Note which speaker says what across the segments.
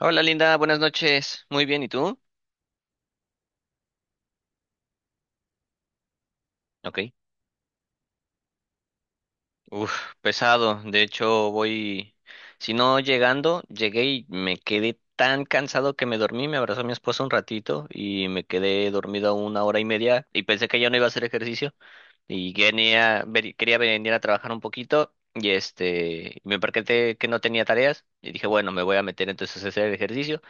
Speaker 1: Hola, Linda, buenas noches. Muy bien, ¿y tú? Ok. Uf, pesado. De hecho, si no llegando, llegué y me quedé tan cansado que me dormí, me abrazó mi esposa un ratito y me quedé dormido una hora y media y pensé que ya no iba a hacer ejercicio y quería venir a trabajar un poquito y me percaté que no tenía tareas y dije, bueno, me voy a meter entonces a hacer ejercicio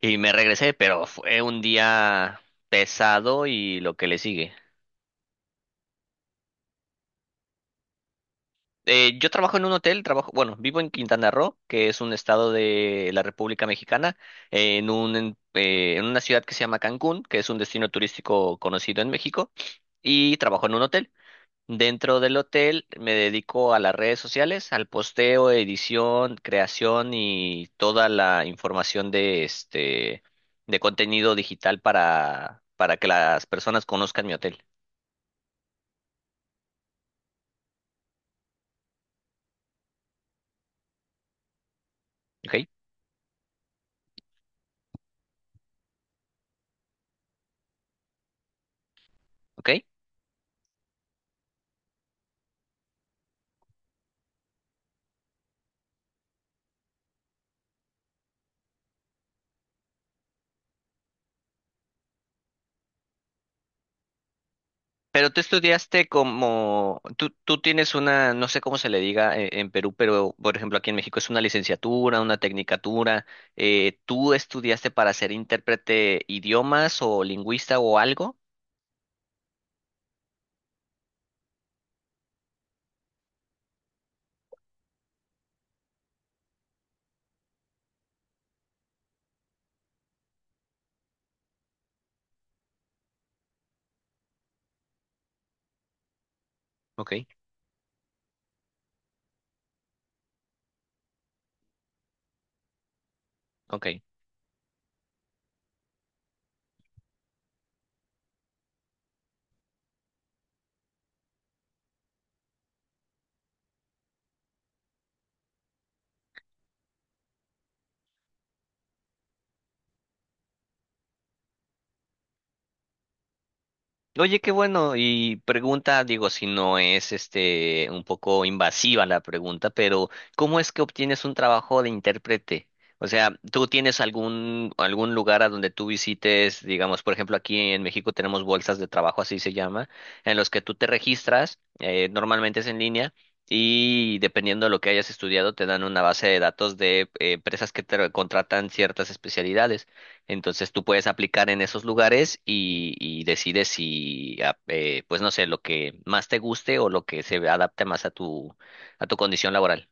Speaker 1: y me regresé, pero fue un día pesado y lo que le sigue. Yo trabajo en un hotel, trabajo, bueno, vivo en Quintana Roo, que es un estado de la República Mexicana, en una ciudad que se llama Cancún, que es un destino turístico conocido en México, y trabajo en un hotel. Dentro del hotel me dedico a las redes sociales, al posteo, edición, creación y toda la información de contenido digital para que las personas conozcan mi hotel. ¿Ok? ¿Ok? Pero tú estudiaste como, tú tienes una, no sé cómo se le diga, en Perú, pero por ejemplo aquí en México es una licenciatura, una tecnicatura. ¿Tú estudiaste para ser intérprete idiomas o lingüista o algo? Ok, ok. Oye, qué bueno. Y pregunta, digo, si no es un poco invasiva la pregunta, pero ¿cómo es que obtienes un trabajo de intérprete? O sea, ¿tú tienes algún lugar a donde tú visites, digamos? Por ejemplo, aquí en México tenemos bolsas de trabajo, así se llama, en los que tú te registras. Normalmente es en línea. Y dependiendo de lo que hayas estudiado, te dan una base de datos de empresas que te contratan ciertas especialidades. Entonces tú puedes aplicar en esos lugares, y decides si, pues no sé, lo que más te guste o lo que se adapte más a tu condición laboral.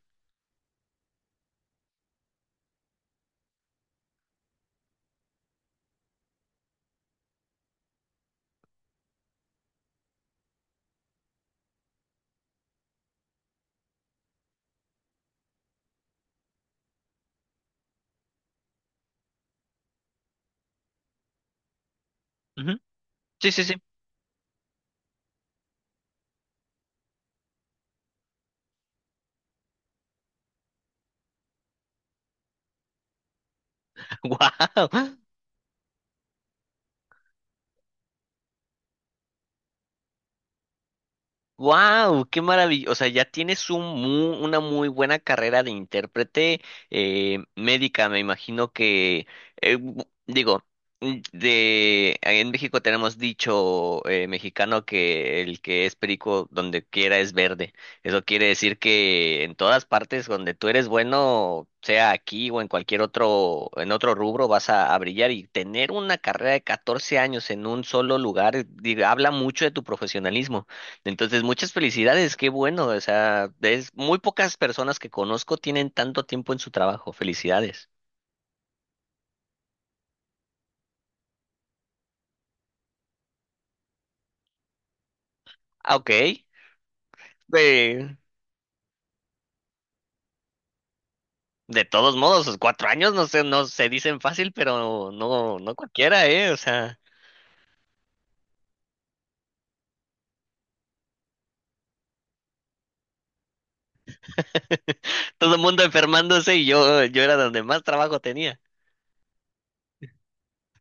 Speaker 1: Ujú. Sí, sí, sí. ¡Wow! Wow, qué maravilla. O sea, ya tienes una muy buena carrera de intérprete, médica. Me imagino que, digo, de en México tenemos dicho, mexicano, que el que es perico donde quiera es verde. Eso quiere decir que en todas partes donde tú eres bueno, sea aquí o en cualquier otro, en otro rubro, vas a brillar, y tener una carrera de 14 años en un solo lugar, habla mucho de tu profesionalismo. Entonces, muchas felicidades, qué bueno. O sea, es muy pocas personas que conozco tienen tanto tiempo en su trabajo. Felicidades. Ah, ok. De, de todos modos, los 4 años no se dicen fácil, pero no, no cualquiera, ¿eh? O sea, todo el mundo enfermándose, y yo era donde más trabajo tenía.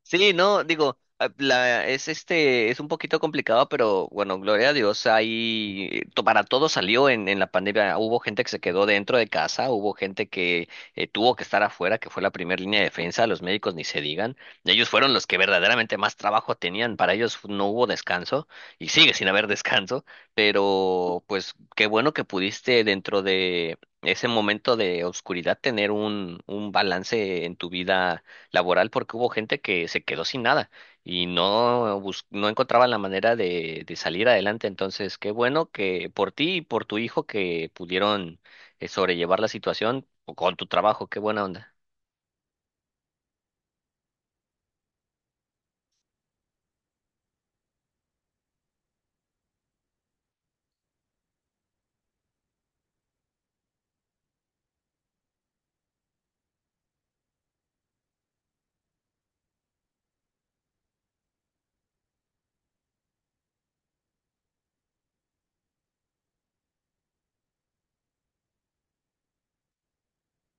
Speaker 1: Sí, no, digo, es un poquito complicado, pero bueno, gloria a Dios, ahí para todo salió en la pandemia. Hubo gente que se quedó dentro de casa, hubo gente que tuvo que estar afuera, que fue la primera línea de defensa, los médicos ni se digan. Ellos fueron los que verdaderamente más trabajo tenían, para ellos no hubo descanso y sigue sin haber descanso, pero pues qué bueno que pudiste dentro de ese momento de oscuridad tener un balance en tu vida laboral, porque hubo gente que se quedó sin nada y no encontraban la manera de salir adelante. Entonces, qué bueno que por ti y por tu hijo que pudieron sobrellevar la situación o con tu trabajo, qué buena onda.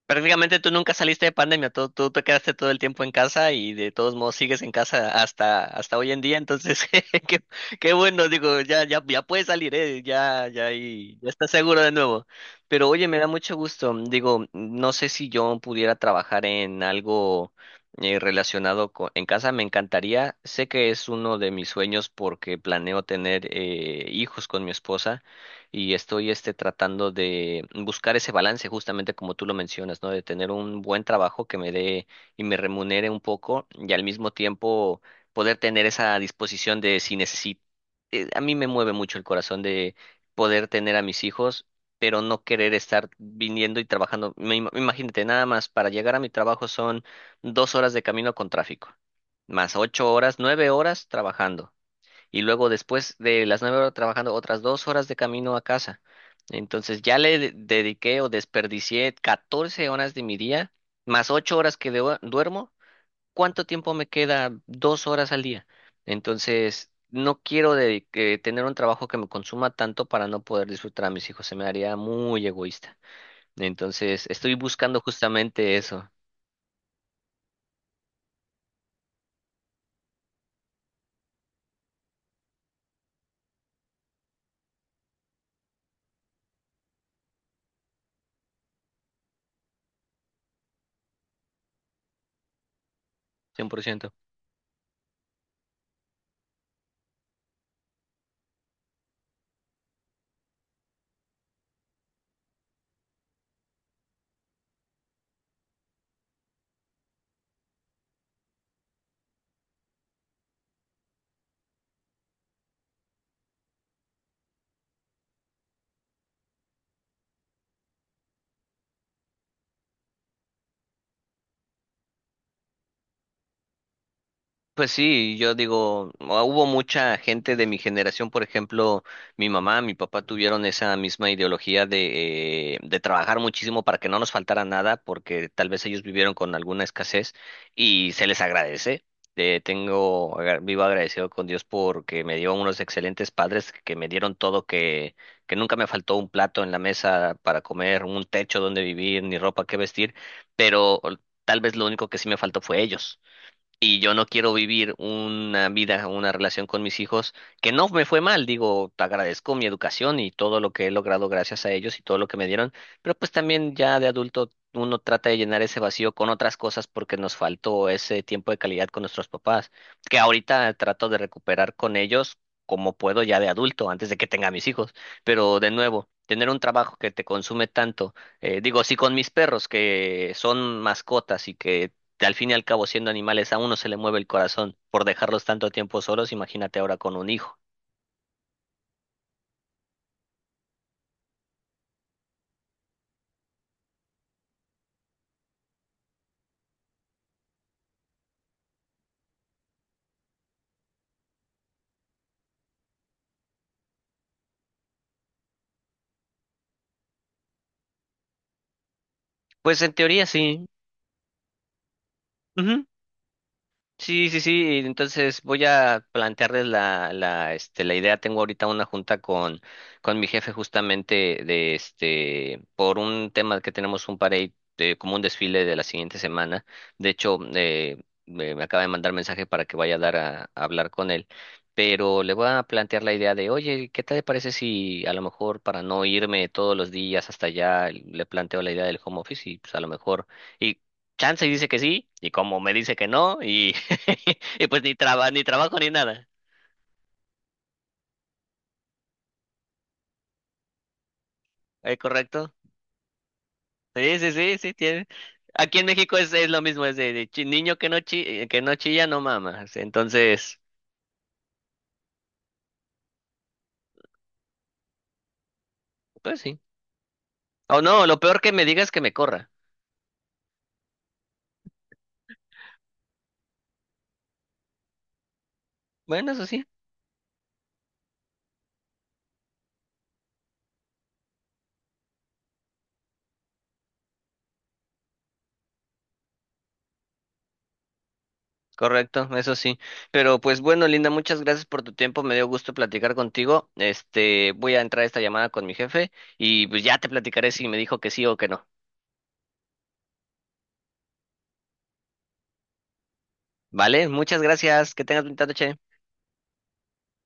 Speaker 1: Prácticamente tú nunca saliste de pandemia, tú te quedaste todo el tiempo en casa, y de todos modos sigues en casa hasta hoy en día, entonces qué, qué bueno, digo, ya puedes salir, y ya estás seguro de nuevo. Pero oye, me da mucho gusto, digo, no sé si yo pudiera trabajar en algo relacionado en casa, me encantaría, sé que es uno de mis sueños, porque planeo tener hijos con mi esposa, y estoy tratando de buscar ese balance justamente como tú lo mencionas, ¿no? De tener un buen trabajo que me dé y me remunere un poco, y al mismo tiempo poder tener esa disposición de si necesito. A mí me mueve mucho el corazón de poder tener a mis hijos, pero no querer estar viniendo y trabajando. Imagínate, nada más para llegar a mi trabajo son 2 horas de camino con tráfico, más 8 horas, 9 horas trabajando, y luego después de las 9 horas trabajando, otras 2 horas de camino a casa. Entonces ya le dediqué o desperdicié 14 horas de mi día, más 8 horas que duermo. ¿Cuánto tiempo me queda? 2 horas al día. Entonces, no quiero de- que tener un trabajo que me consuma tanto para no poder disfrutar a mis hijos. Se me haría muy egoísta. Entonces, estoy buscando justamente eso, 100%. Pues sí, yo digo, hubo mucha gente de mi generación, por ejemplo, mi mamá, mi papá, tuvieron esa misma ideología de trabajar muchísimo para que no nos faltara nada, porque tal vez ellos vivieron con alguna escasez y se les agradece. Vivo agradecido con Dios porque me dio unos excelentes padres que me dieron todo, que nunca me faltó un plato en la mesa para comer, un techo donde vivir, ni ropa que vestir, pero tal vez lo único que sí me faltó fue ellos. Y yo no quiero vivir una vida, una relación con mis hijos que no me fue mal, digo, agradezco mi educación y todo lo que he logrado gracias a ellos y todo lo que me dieron, pero pues también ya de adulto uno trata de llenar ese vacío con otras cosas, porque nos faltó ese tiempo de calidad con nuestros papás, que ahorita trato de recuperar con ellos como puedo ya de adulto, antes de que tenga mis hijos, pero de nuevo, tener un trabajo que te consume tanto. Digo, si con mis perros, que son mascotas y que al fin y al cabo, siendo animales, a uno se le mueve el corazón por dejarlos tanto tiempo solos, imagínate ahora con un hijo. Pues en teoría sí. Ujú. Sí, sí, sí. Entonces voy a plantearles la idea. Tengo ahorita una junta con mi jefe, justamente por un tema que tenemos como un desfile de la siguiente semana. De hecho, me acaba de mandar mensaje para que vaya a hablar con él. Pero le voy a plantear la idea de, oye, ¿qué te parece si a lo mejor, para no irme todos los días hasta allá, le planteo la idea del home office? Y pues a lo mejor, y chance y dice que sí, y como me dice que no, y y pues ni trabajo ni nada. ¿ correcto? Sí, sí, sí, sí, tiene. Aquí en México es, lo mismo, es de niño que no chilla, no mamas. Entonces, pues sí. O no, lo peor que me digas es que me corra. Bueno, eso sí, correcto, eso sí. Pero pues bueno, Linda, muchas gracias por tu tiempo, me dio gusto platicar contigo. Voy a entrar a esta llamada con mi jefe, y pues ya te platicaré si me dijo que sí o que no. ¿Vale? Muchas gracias, que tengas bonita noche.